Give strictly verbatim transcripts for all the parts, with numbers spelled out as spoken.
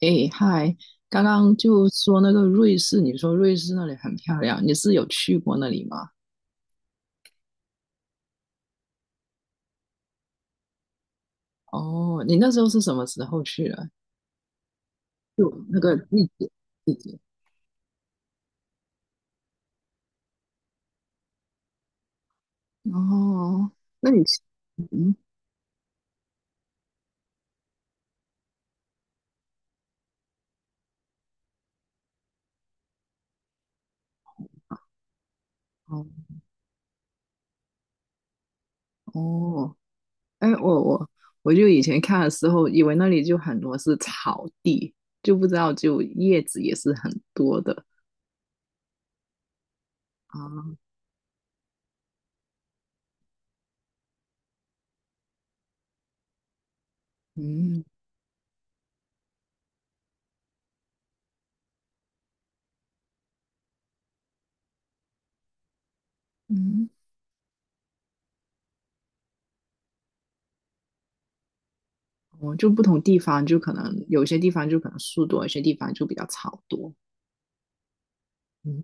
哎，嗨，刚刚就说那个瑞士，你说瑞士那里很漂亮，你是有去过那里吗？哦，你那时候是什么时候去的？就那个季节，季节。哦，那你是嗯，哦哦，哎，我我我就以前看的时候，以为那里就很多是草地，就不知道就叶子也是很多的啊，嗯嗯，哦，就不同地方就可能有些地方就可能树多，有些地方就比较草多，嗯。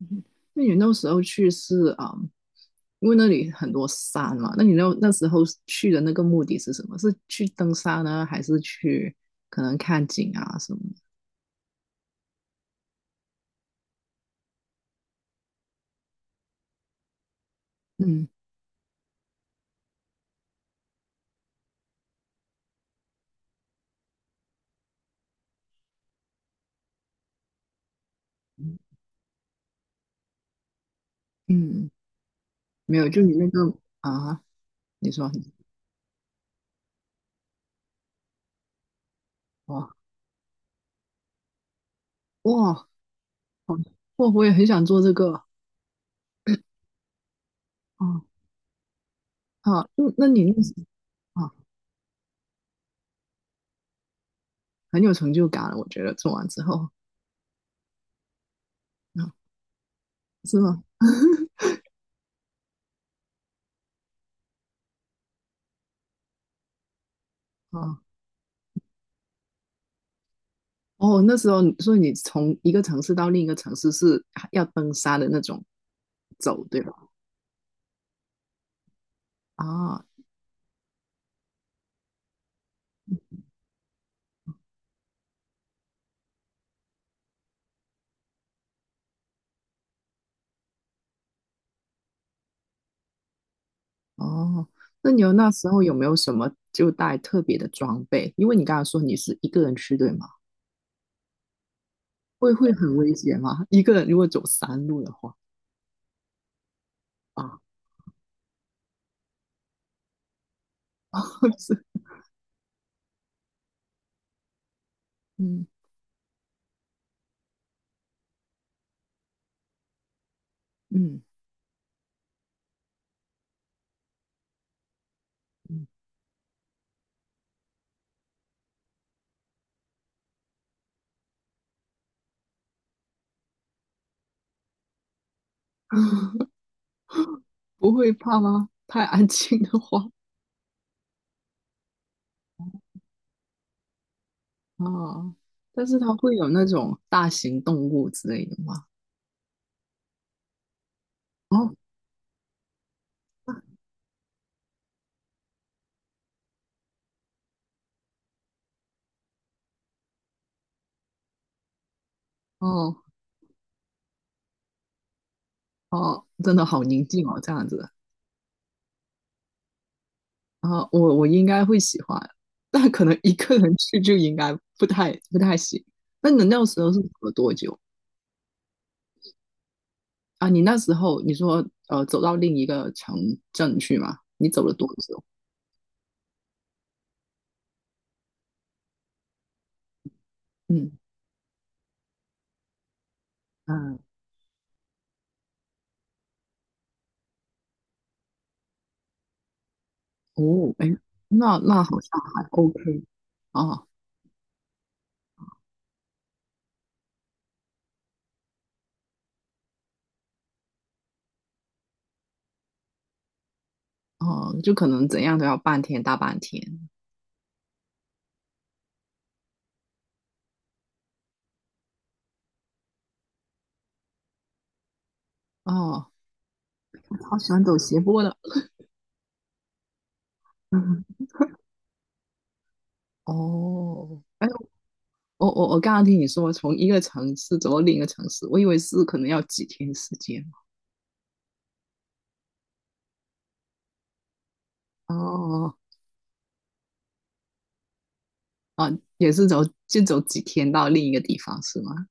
那你那时候去是啊、嗯因为那里很多山嘛，那你那那时候去的那个目的是什么？是去登山呢，还是去可能看景啊什么的？嗯嗯，没有，就你那个啊，你说哇哇，好哇，我也很想做这个啊啊，嗯那你那时啊很有成就感，我觉得做完之后啊，是吗？啊哦，那时候你所以你从一个城市到另一个城市是要登山的那种走，对吧？啊，哦，那你有那时候有没有什么就带特别的装备？因为你刚才说你是一个人去，对吗？会会很危险吗？一个人如果走山路的话，啊，是，嗯嗯嗯，不会怕吗？太安静的话，啊，但是它会有那种大型动物之类的吗？哦哦哦，真的好宁静哦，这样子。啊，我我应该会喜欢，但可能一个人去就应该不太不太行。那你那时候是走了多久啊？你那时候你说呃走到另一个城镇去嘛？你走了多久？嗯嗯哦，哎，那那好像还 OK 哦哦，就可能怎样都要半天大半天哦。我好喜欢走斜坡的，嗯哦，哎，我我我刚刚听你说从一个城市走到另一个城市，我以为是可能要几天时间。哦哦，哦也是走就走几天到另一个地方是吗？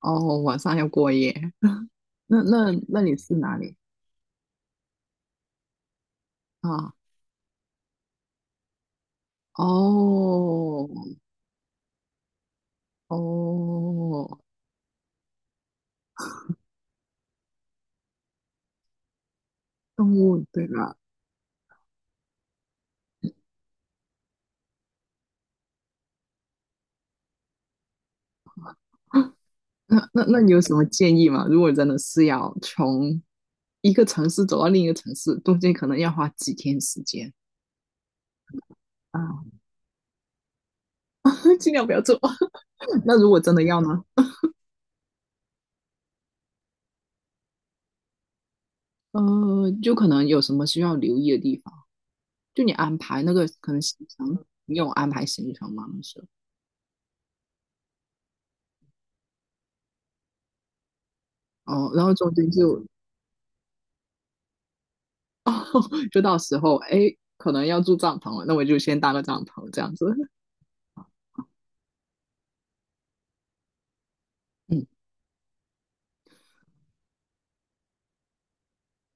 哦，晚上要过夜。那那那你是哪里啊？哦哦，动物对吧？那那那你有什么建议吗？如果真的是要从一个城市走到另一个城市，中间可能要花几天时间啊，尽量不要做。那如果真的要呢？呃，就可能有什么需要留意的地方。就你安排那个可能行程，你有安排行程吗？那时候哦，然后中间就就到时候哎，可能要住帐篷了，那我就先搭个帐篷这样子。嗯，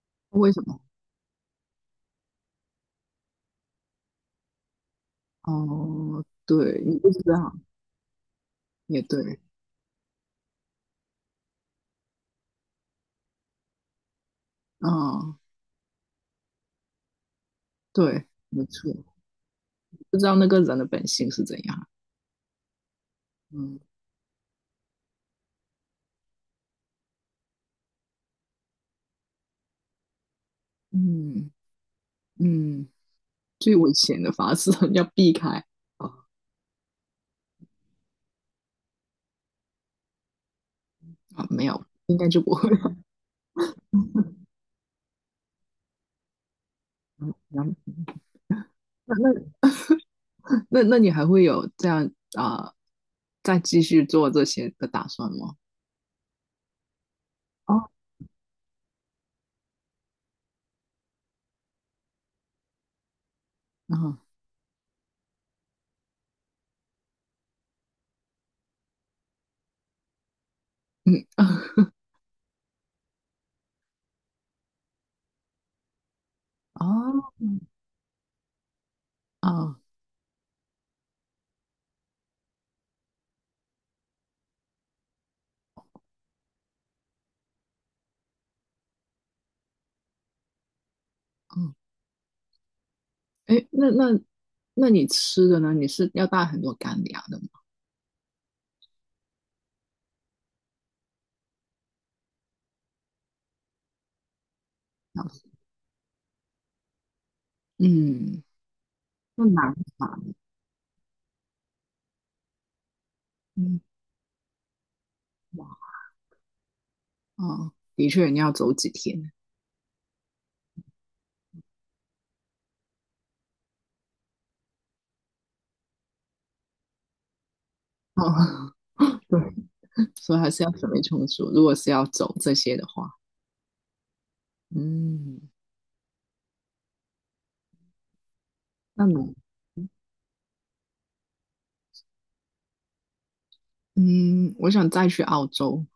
为什么？哦，对，你是这样，也对，嗯，对，没错，不知道那个人的本性是怎样。嗯嗯嗯，最危险的法是 要避开。哦啊，没有，应该就不会了。那那那那你还会有这样啊、呃再继续做这些的打算吗？哦，啊，嗯，哦，哦，嗯，哎，那那那你吃的呢？你是要带很多干粮的吗？嗯，那难吧？嗯，哇，哦，的确，你要走几天？哦，对，所以还是要准备充足。如果是要走这些的话，嗯那难。嗯，我想再去澳洲，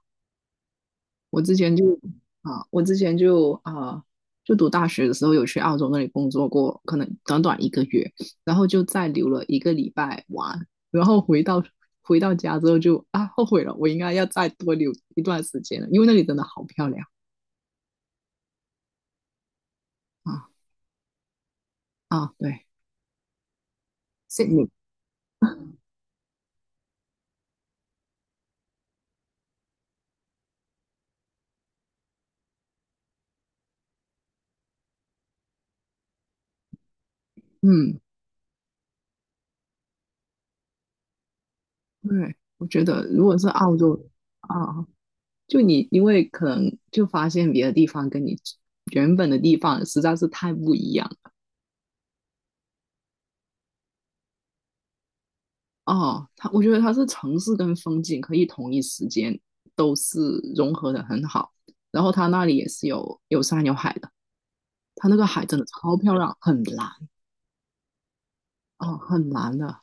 我之前就啊，我之前就啊，就读大学的时候有去澳洲那里工作过，可能短短一个月，然后就再留了一个礼拜玩，然后回到回到家之后就啊后悔了，我应该要再多留一段时间了，因为那里真的好漂亮啊啊，对，悉尼，嗯，对，我觉得如果是澳洲啊，就你因为可能就发现别的地方跟你原本的地方实在是太不一样。哦，它我觉得它是城市跟风景可以同一时间都是融合的很好，然后它那里也是有有山有海的，它那个海真的超漂亮，很蓝哦，很蓝的，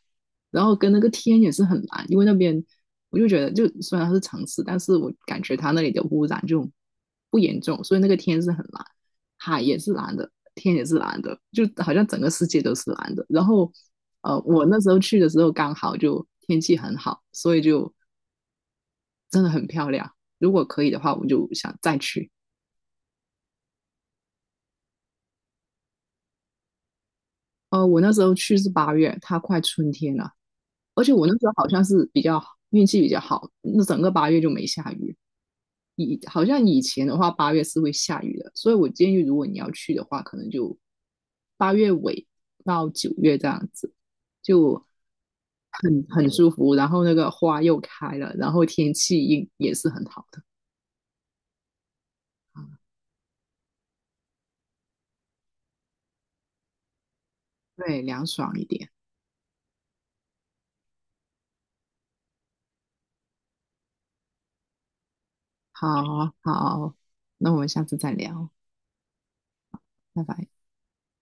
然后跟那个天也是很蓝，因为那边我就觉得就虽然它是城市，但是我感觉它那里的污染就不严重，所以那个天是很蓝，海也是蓝的，天也是蓝的，就好像整个世界都是蓝的，然后。呃，我那时候去的时候刚好就天气很好，所以就真的很漂亮。如果可以的话，我就想再去。呃，我那时候去是八月，它快春天了，而且我那时候好像是比较运气比较好，那整个八月就没下雨。以好像以前的话，八月是会下雨的，所以我建议如果你要去的话，可能就八月尾到九月这样子，就很很舒服。然后那个花又开了，然后天气也也是很好的，啊对，凉爽一点。好好，那我们下次再聊。拜拜。